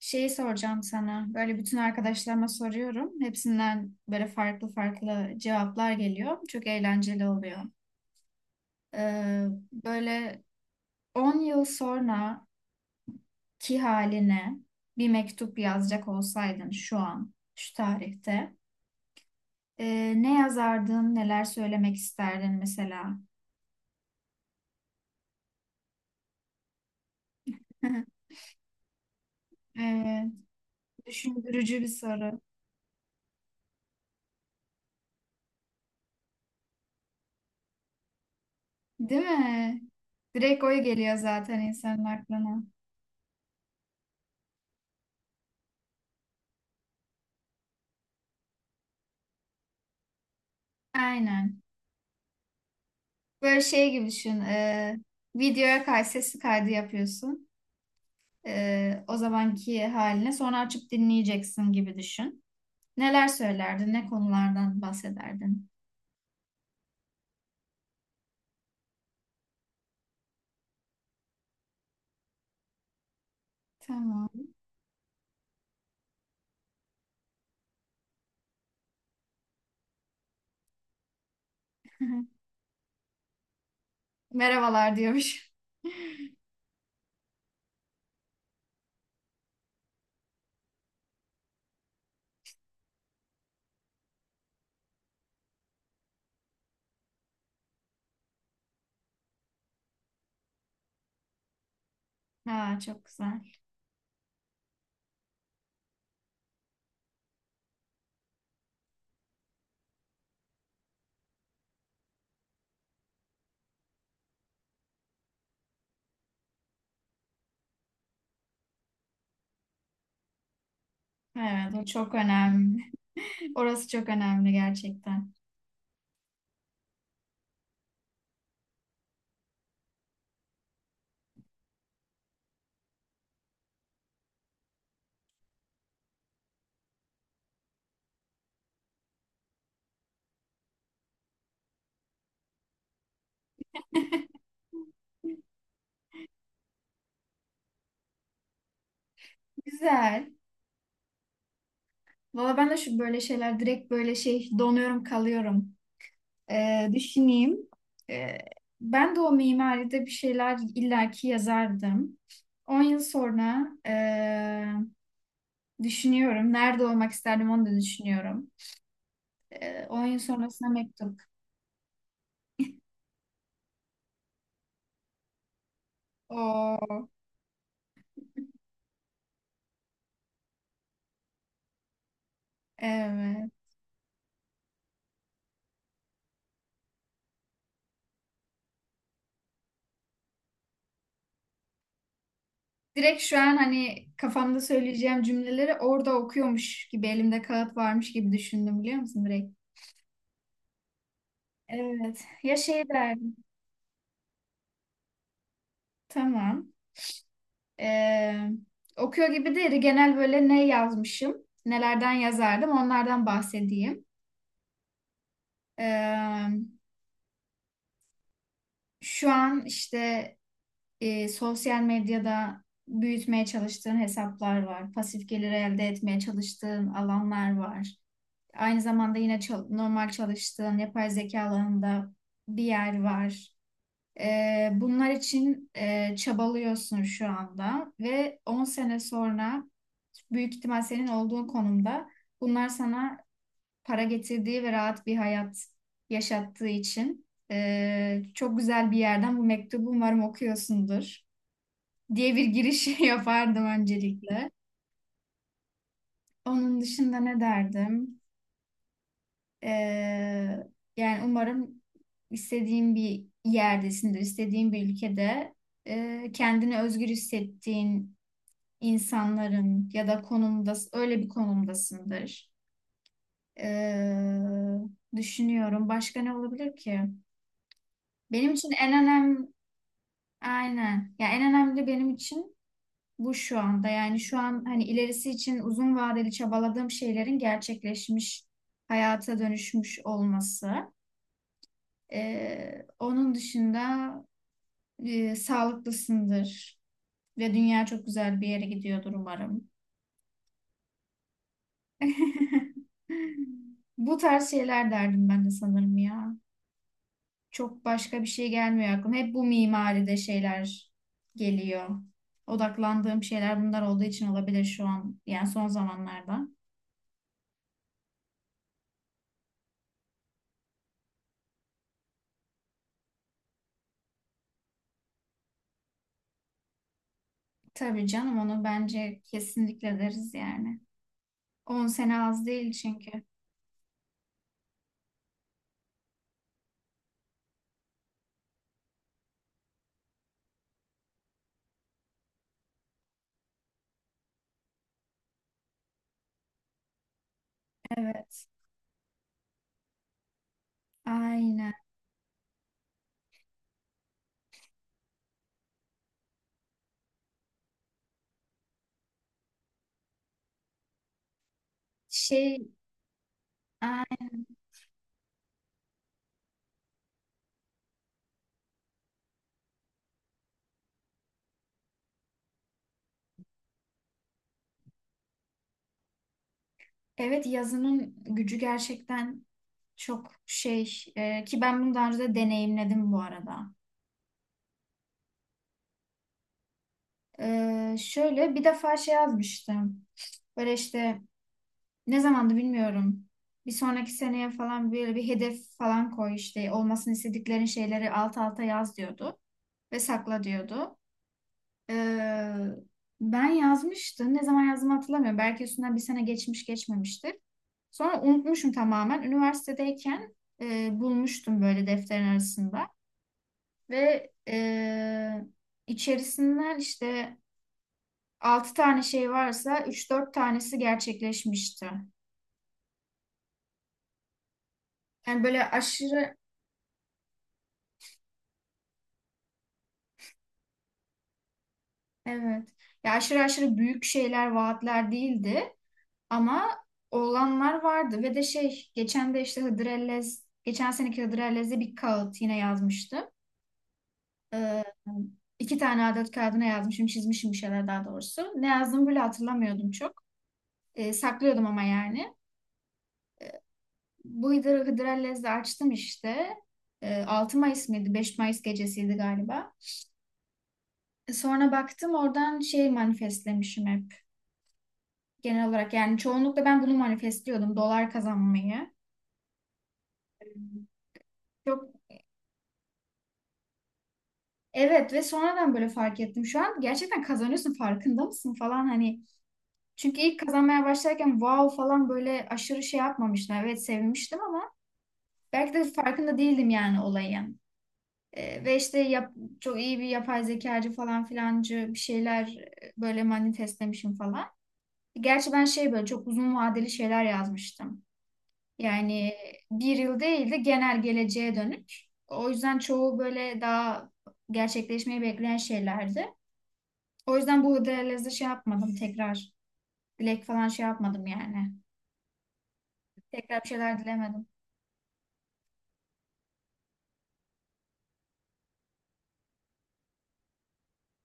Şeyi soracağım sana. Böyle bütün arkadaşlarıma soruyorum. Hepsinden böyle farklı farklı cevaplar geliyor. Çok eğlenceli oluyor. Ee, böyle 10 yıl sonra ki haline bir mektup yazacak olsaydın şu an, şu tarihte, ne yazardın, neler söylemek isterdin mesela? Evet. Düşündürücü bir soru. Değil mi? Direkt o geliyor zaten insanın aklına. Aynen. Böyle şey gibi düşün. Videoya sesli kaydı yapıyorsun. O zamanki haline sonra açıp dinleyeceksin gibi düşün. Neler söylerdin? Ne konulardan bahsederdin? Tamam. Merhabalar diyormuş. Ha, çok güzel. Evet, o çok önemli. Orası çok önemli gerçekten. Güzel. Valla ben de şu böyle şeyler direkt böyle şey donuyorum kalıyorum. Düşüneyim. Ee, Ben de o mimaride bir şeyler illaki yazardım. 10 yıl sonra düşünüyorum. Nerede olmak isterdim onu da düşünüyorum. 10 yıl sonrasına mektup. Oo, evet. Direkt şu an hani kafamda söyleyeceğim cümleleri orada okuyormuş gibi elimde kağıt varmış gibi düşündüm biliyor musun direkt? Evet. Ya şey derdim. Tamam. Ee, Okuyor gibi değil. Genel böyle ne yazmışım, nelerden yazardım onlardan bahsedeyim. Ee, Şu an işte sosyal medyada büyütmeye çalıştığın hesaplar var. Pasif gelir elde etmeye çalıştığın alanlar var. Aynı zamanda yine normal çalıştığın yapay zeka alanında bir yer var. Bunlar için çabalıyorsun şu anda ve 10 sene sonra büyük ihtimal senin olduğun konumda bunlar sana para getirdiği ve rahat bir hayat yaşattığı için çok güzel bir yerden bu mektubu umarım okuyorsundur diye bir giriş yapardım öncelikle. Onun dışında ne derdim? Ee, Yani umarım istediğin bir yerdesindir, istediğin bir ülkede kendini özgür hissettiğin insanların ya da konumda öyle bir konumdasındır. Ee, Düşünüyorum. Başka ne olabilir ki? Benim için en önemli aynen. Ya en önemli benim için bu şu anda. Yani şu an hani ilerisi için uzun vadeli çabaladığım şeylerin gerçekleşmiş hayata dönüşmüş olması. Onun dışında sağlıklısındır ve dünya çok güzel bir yere gidiyordur umarım. Bu tarz şeyler derdim ben de sanırım ya. Çok başka bir şey gelmiyor aklıma. Hep bu mimaride şeyler geliyor. Odaklandığım şeyler bunlar olduğu için olabilir şu an. Yani son zamanlarda. Tabii canım onu bence kesinlikle deriz yani. 10 sene az değil çünkü. Evet. Aynen. Şey, evet yazının gücü gerçekten çok şey ki ben bunu daha önce de deneyimledim bu arada. Şöyle bir defa şey yazmıştım. Böyle işte ne zamandı bilmiyorum. Bir sonraki seneye falan böyle bir hedef falan koy işte olmasını istediklerin şeyleri alt alta yaz diyordu ve sakla diyordu. Ee, Ben yazmıştım. Ne zaman yazdığımı hatırlamıyorum. Belki üstünden bir sene geçmiş geçmemiştir. Sonra unutmuşum tamamen. Üniversitedeyken bulmuştum böyle defterin arasında. Ve içerisinden işte 6 tane şey varsa üç dört tanesi gerçekleşmişti. Yani böyle aşırı evet. Ya aşırı aşırı büyük şeyler, vaatler değildi. Ama olanlar vardı ve de şey geçen de işte Hıdrellez geçen seneki Hıdrellez'de bir kağıt yine yazmıştım. Ee, 2 tane adet kağıdına yazmışım çizmişim bir şeyler daha doğrusu. Ne yazdığımı bile hatırlamıyordum çok. Saklıyordum ama yani. Bu Hıdrellez'de açtım işte. 6 Mayıs mıydı? 5 Mayıs gecesiydi galiba. Sonra baktım oradan şey manifestlemişim hep. Genel olarak yani çoğunlukla ben bunu manifestliyordum. Dolar kazanmayı. Çok. Evet ve sonradan böyle fark ettim. Şu an gerçekten kazanıyorsun farkında mısın falan hani. Çünkü ilk kazanmaya başlarken wow falan böyle aşırı şey yapmamıştım. Evet sevinmiştim ama belki de farkında değildim yani olayın. Ve işte çok iyi bir yapay zekacı falan filancı bir şeyler böyle manifestlemişim falan. Gerçi ben şey böyle çok uzun vadeli şeyler yazmıştım. Yani bir yıl değil de genel geleceğe dönük. O yüzden çoğu böyle daha gerçekleşmeyi bekleyen şeylerdi. O yüzden bu Hıdrellez'de şey yapmadım tekrar. Dilek falan şey yapmadım yani. Tekrar bir şeyler dilemedim.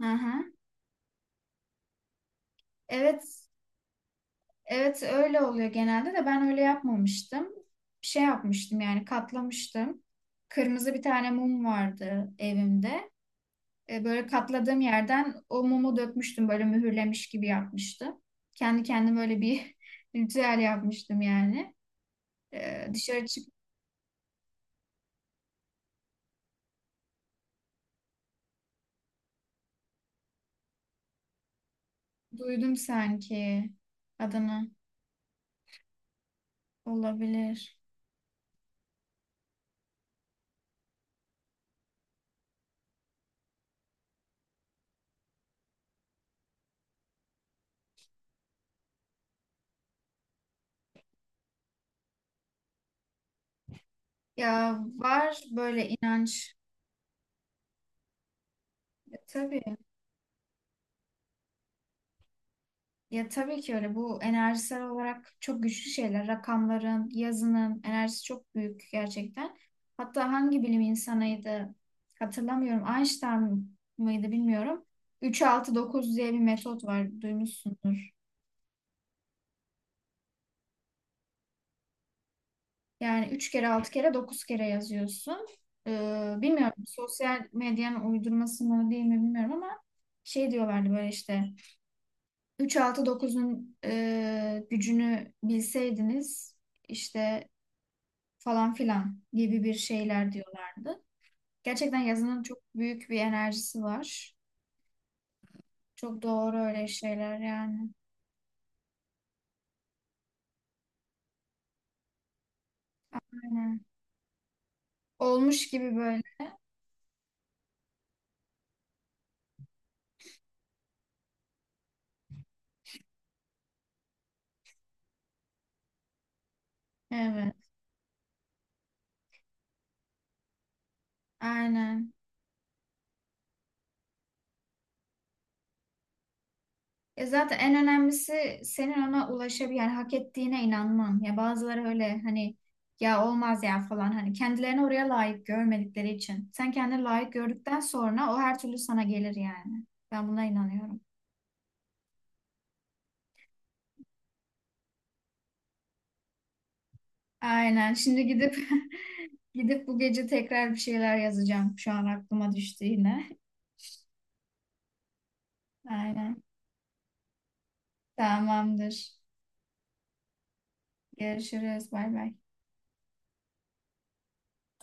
Hı hı. Evet, evet öyle oluyor genelde de ben öyle yapmamıştım. Şey yapmıştım yani katlamıştım. Kırmızı bir tane mum vardı evimde. Böyle katladığım yerden o mumu dökmüştüm böyle mühürlemiş gibi yapmıştım. Kendi kendime böyle bir ritüel yapmıştım yani. Dışarı çık duydum sanki adını olabilir. Ya var böyle inanç. Ya, tabii. Ya tabii ki öyle. Bu enerjisel olarak çok güçlü şeyler. Rakamların, yazının enerjisi çok büyük gerçekten. Hatta hangi bilim insanıydı hatırlamıyorum. Einstein mıydı bilmiyorum. Üç altı dokuz diye bir metot var. Duymuşsundur. Yani 3 kere 6 kere 9 kere yazıyorsun. Bilmiyorum sosyal medyanın uydurması mı değil mi bilmiyorum ama şey diyorlardı böyle işte 3-6-9'un gücünü bilseydiniz işte falan filan gibi bir şeyler diyorlardı. Gerçekten yazının çok büyük bir enerjisi var. Çok doğru öyle şeyler yani. Aynen. Olmuş gibi böyle. Evet. Aynen. Ya zaten en önemlisi senin ona yani hak ettiğine inanman. Ya bazıları öyle hani ya olmaz ya falan hani kendilerini oraya layık görmedikleri için. Sen kendini layık gördükten sonra o her türlü sana gelir yani. Ben buna inanıyorum. Aynen. Şimdi gidip gidip bu gece tekrar bir şeyler yazacağım. Şu an aklıma düştü yine. Aynen. Tamamdır. Görüşürüz. Bay bay.